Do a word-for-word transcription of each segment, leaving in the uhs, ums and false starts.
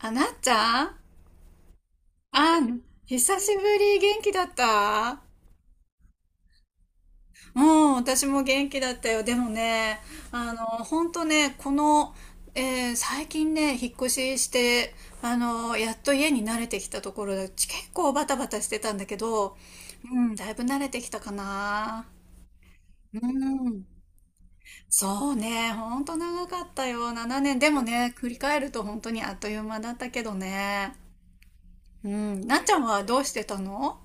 あ、なっちゃん。あん、久しぶり、元気だった？うん、私も元気だったよ。でもね、あの、ほんとね、この、えー最近ね、引っ越しして、あの、やっと家に慣れてきたところで、ち結構バタバタしてたんだけど、うん、だいぶ慣れてきたかな。うん、そうね、ほんと長かったよ、しちねん。でもね、振り返ると本当にあっという間だったけどね。うん、なっちゃんはどうしてたの？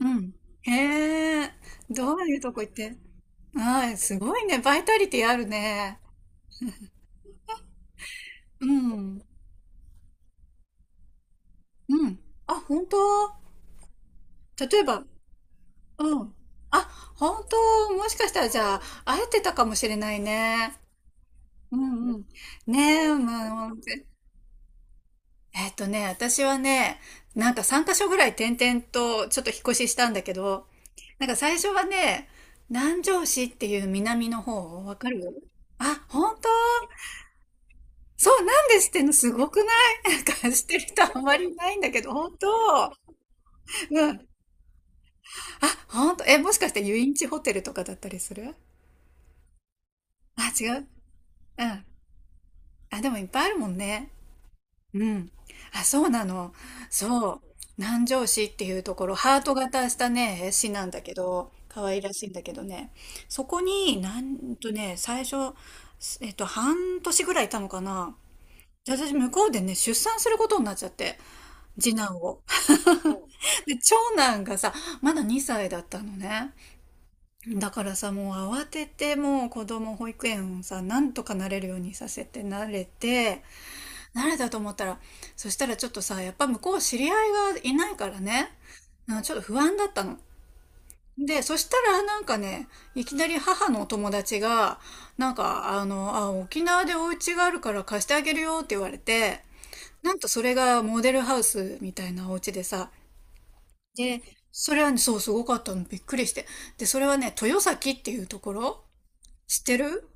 うん。へえ、どういうとこ行って？はい、すごいね。バイタリティあるね。うん。うん。あ、本当？例えば？うん。あ、本当？もしかしたらじゃあ、会えてたかもしれないね。うんうん。ねえ、まあ、えっとね、私はね、なんかさんかしょカ所ぐらい転々とちょっと引っ越ししたんだけど、なんか最初はね、南城市っていう南の方、わかる？あ、本当？そう、なんでしってんの？すごくない？なんかしてる人あんまりいないんだけど、本当？うん。あ、本当？え、もしかして遊園地ホテルとかだったりする？あ、違う？うん。あ、でもいっぱいあるもんね。うん。あ、そうなの。そう。南城市っていうところ、ハート型したね、市なんだけど、可愛らしいんだけどね。そこに、なんとね、最初、えっと、半年ぐらいいたのかな。で私、向こうでね、出産することになっちゃって、次男を。で、長男がさ、まだにさいだったのね。だからさ、もう慌てて、もう子供保育園をさ、なんとかなれるようにさせて慣れて、慣れたと思ったら、そしたらちょっとさ、やっぱ向こう知り合いがいないからね、なんかちょっと不安だったの。で、そしたらなんかね、いきなり母のお友達が、なんか、あの、あ、沖縄でお家があるから貸してあげるよって言われて、なんとそれがモデルハウスみたいなお家でさ、で、それはね、そう、すごかったの。びっくりして。で、それはね、豊崎っていうところ知ってる？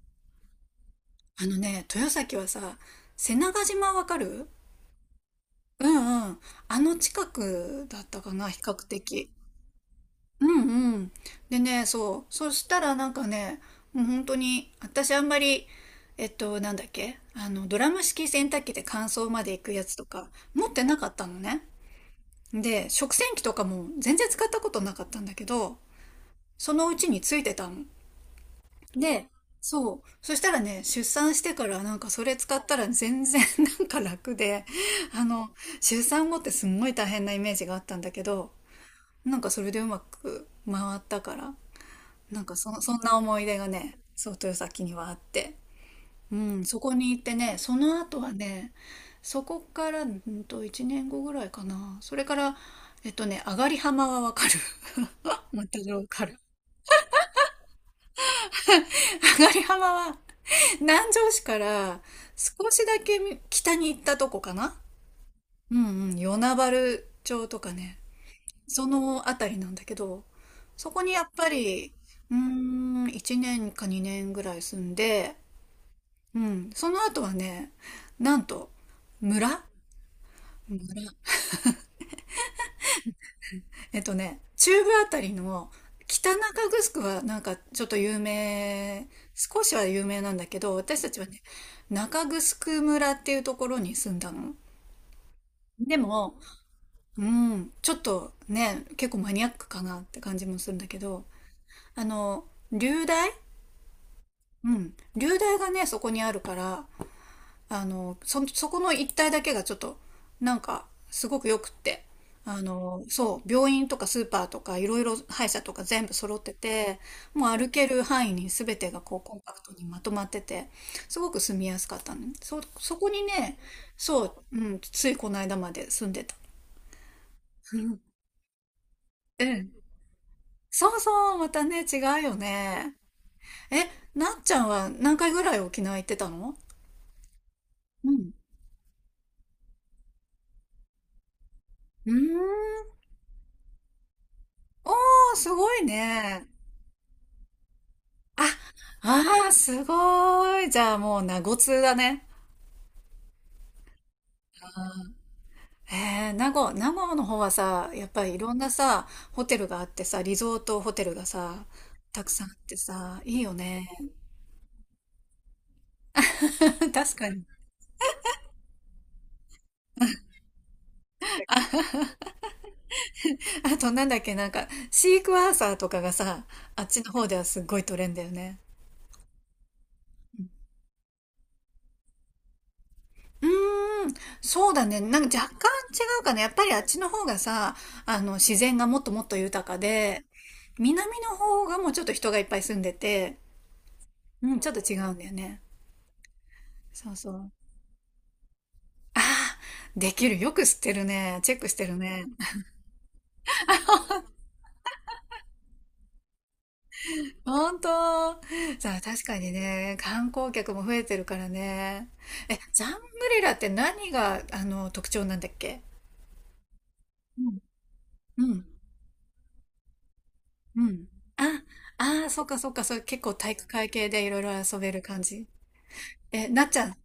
あのね、豊崎はさ、瀬長島わかる？うんうん。あの近くだったかな、比較的。うんうん。でね、そう。そしたらなんかね、もう本当に、私あんまり、えっと、なんだっけあの、ドラム式洗濯機で乾燥まで行くやつとか、持ってなかったのね。で、食洗機とかも全然使ったことなかったんだけど、そのうちについてたの。で、そう。そしたらね、出産してからなんかそれ使ったら全然 なんか楽で、あの、出産後ってすんごい大変なイメージがあったんだけど、なんかそれでうまく回ったから、なんかそ、そんな思い出がね、そう、豊崎にはあって。うん、そこに行ってね、その後はね、そこから、うんと、いちねんごぐらいかな。それから、えっとね、上がり浜はわかる？ またわかる。上がり浜は南城市から少しだけ北に行ったとこかな。うんうん、与那原町とかね、そのあたりなんだけど、そこにやっぱり、うーん、いちねんかにねんぐらい住んで、うん、その後はね、なんと、村村。えっとね、中部あたりの北中城はなんかちょっと有名、少しは有名なんだけど、私たちはね、中城村っていうところに住んだの。でも、うん、ちょっとね、結構マニアックかなって感じもするんだけど、あの、流大。うん、流大がね、そこにあるから、あの、そ、そこの一帯だけがちょっと、なんか、すごく良くって、あの、そう、病院とかスーパーとか、いろいろ歯医者とか全部揃ってて、もう歩ける範囲に全てがこう、コンパクトにまとまってて、すごく住みやすかったのね。そ、そこにね、そう、うん、ついこの間まで住んでた。うん。そうそう、またね、違うよね。え、なっちゃんは何回ぐらい沖縄行ってたの？うん。うーん。おー、すごいね。あ、あー、すごい。じゃあもう、名護通だね。えー、名護、名護の方はさ、やっぱりいろんなさ、ホテルがあってさ、リゾートホテルがさ、たくさんあってさ、いいよね。確かに。あとなんだっけ、なんか、シークワーサーとかがさ、あっちの方ではすっごい取れんだよね。うーん、そうだね。なんか若干違うかな。やっぱりあっちの方がさ、あの、自然がもっともっと豊かで、南の方がもうちょっと人がいっぱい住んでて、うん、ちょっと違うんだよね。そうそう。ああ、できる。よく知ってるね。チェックしてるね。ほんと。さあ、確かにね、観光客も増えてるからね。え、ジャングリラって何が、あの、特徴なんだっけ？うん。うん。あ、ああ、そっかそっか、それ結構体育会系でいろいろ遊べる感じ。え、なっちゃん、ん？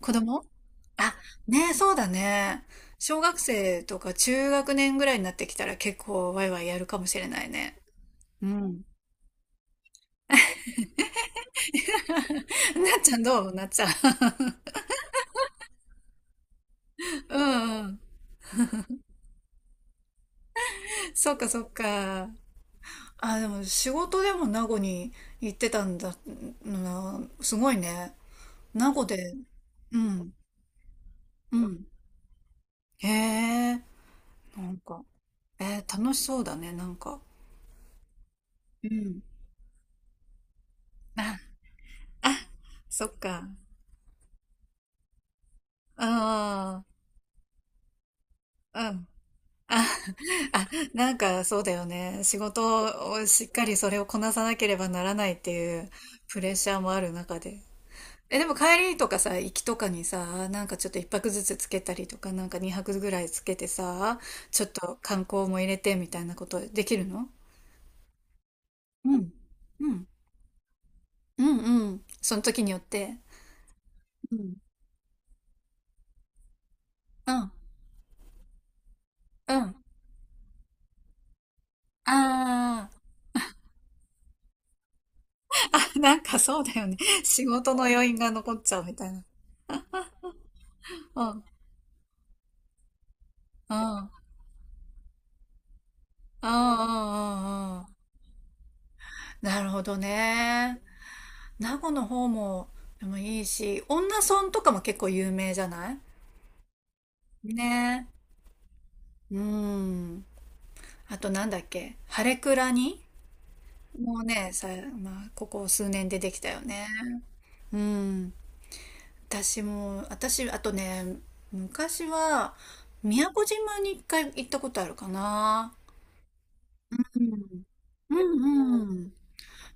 子供。あ、ねえ、そうだね。小学生とか中学年ぐらいになってきたら結構ワイワイやるかもしれないね。うん。なっちゃんどうなっちゃん。うんうん。そっかそっか。あ、でも仕事でも名護に行ってたんだ、な、すごいね。名護で、うん、うん。へえ、なんか。えー楽しそうだね、なんか。うん。あ、あ、そっか。ああ、うん。あ、あ、なんかそうだよね。仕事をしっかりそれをこなさなければならないっていうプレッシャーもある中で。え、でも帰りとかさ、行きとかにさ、なんかちょっと一泊ずつつけたりとか、なんか二泊ぐらいつけてさ、ちょっと観光も入れてみたいなことできるの？うん。うん。うんうん。その時によって。うん。うん。うん。ああ。なんかそうだよね。仕事の余韻が残っちゃうみたいな。うん、うん、うん、うん、うんうん。なるほどね。名護の方も、でもいいし、恩納村とかも結構有名じゃない？ねえ。うん。あとなんだっけ、ハレクラニ。もうね、さ、まあ、ここ数年でできたよね。うん。私も、私、あとね、昔は、宮古島に一回行ったことあるかな。うんうん。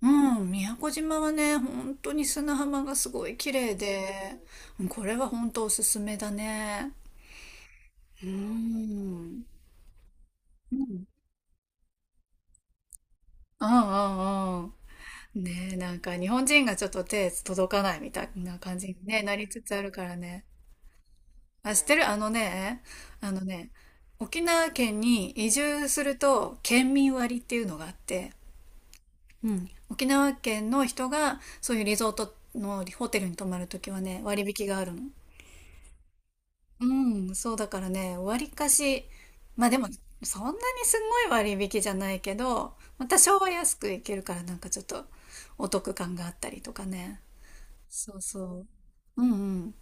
うん、宮古島はね、本当に砂浜がすごい綺麗で、うん、これは本当おすすめだね。うーん。うん。うんうんうん。ねえ、なんか日本人がちょっと手届かないみたいな感じに、ね、なりつつあるからね。あ、知ってる？あのね、あのね、沖縄県に移住すると県民割っていうのがあって、うん、沖縄県の人がそういうリゾートのホテルに泊まるときはね、割引があるの。うん、そうだからね、割かし、まあでも、そんなにすごい割引じゃないけど、また商売安くいけるからなんかちょっとお得感があったりとかね。そうそう。うん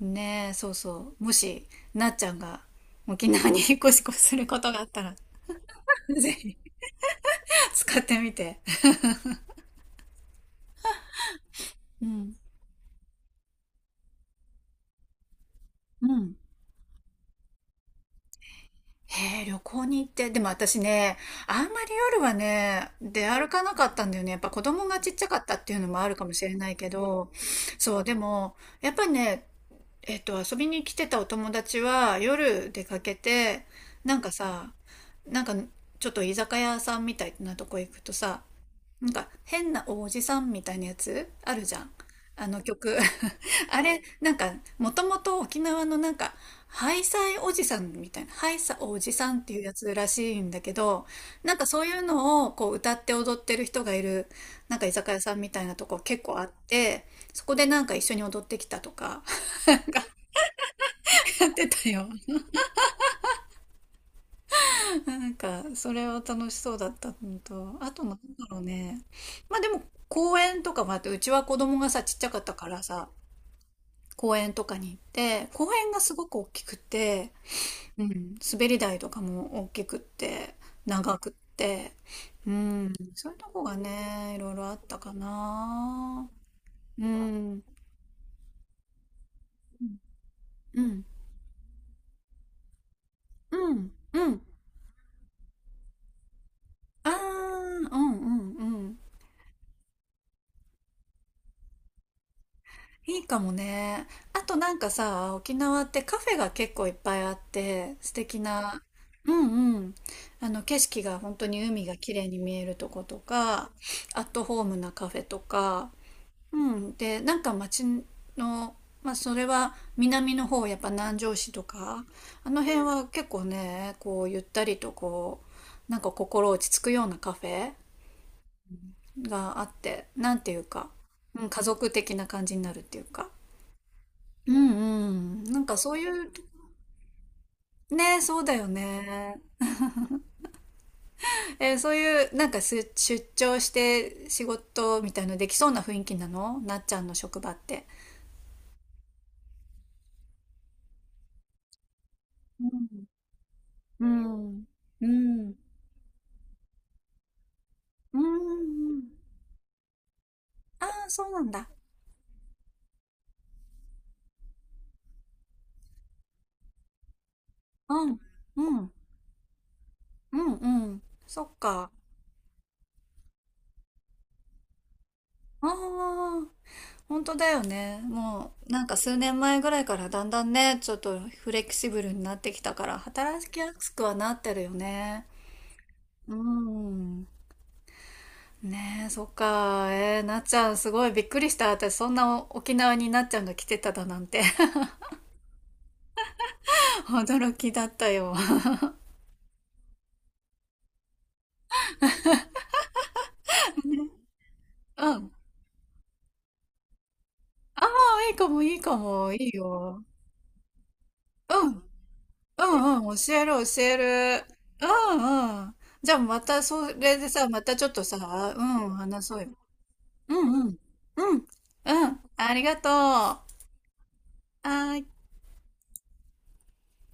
うん。ねえ、そうそう。もし、なっちゃんが沖縄に引っ越しすることがあったら、ぜひ使ってみて。うん。うん。へえ、旅行に行って、でも私ね、あんまり夜はね、出歩かなかったんだよね。やっぱ子供がちっちゃかったっていうのもあるかもしれないけど、そう、でも、やっぱりね、えっと、遊びに来てたお友達は夜出かけて、なんかさ、なんかちょっと居酒屋さんみたいなとこ行くとさ、なんか変なおじさんみたいなやつあるじゃん。あの曲。あれ、なんかもともと沖縄のなんかハイサイおじさんみたいな、ハイサおじさんっていうやつらしいんだけど、なんかそういうのをこう歌って踊ってる人がいる、なんか居酒屋さんみたいなとこ結構あって、そこでなんか一緒に踊ってきたとか やってたよ。なんかそれは楽しそうだったのと、あとなんだろうね。まあでも公園とかもあって、うちは子供がさ、ちっちゃかったからさ、公園とかに行って、公園がすごく大きくて、うん、滑り台とかも大きくって、長くって、うん、そういうとこがね、いろいろあったかな。うん、うん、うん、うん。あー、うん、うん、うん。いいかもね。あとなんかさ、沖縄ってカフェが結構いっぱいあって、素敵な、うんうん。あの景色が本当に海が綺麗に見えるとことか、アットホームなカフェとか、うん、で、なんか町の、まあ、それは南の方、やっぱ南城市とか、あの辺は結構ね、こう、ゆったりとこう、なんか心落ち着くようなカフェがあって、なんていうか、うん、家族的な感じになるっていうか。うんうん。なんかそういう、ね、そうだよね。えーそういう、なんかす出張して仕事みたいのできそうな雰囲気なのなっちゃんの職場って。うん。うん。うん。うーん。ああ、そうなんだ。うん。うん。うん。うん。そっか。ああ、本当だよね。もう、なんか数年前ぐらいからだんだんね、ちょっとフレキシブルになってきたから、働きやすくはなってるよね。うん。ねえ、そっか。えー、なっちゃん、すごいびっくりした。私、そんな沖縄になっちゃんが来てただなんて。驚きだったよ。うん。ああ、いいかも、いいかも、いいよ。うん。うんうん、教える教える。うんうん。じゃあまたそれでさ、またちょっとさ、うん、話そうよ。うんうん。うん。うん。ありがとう。はーい。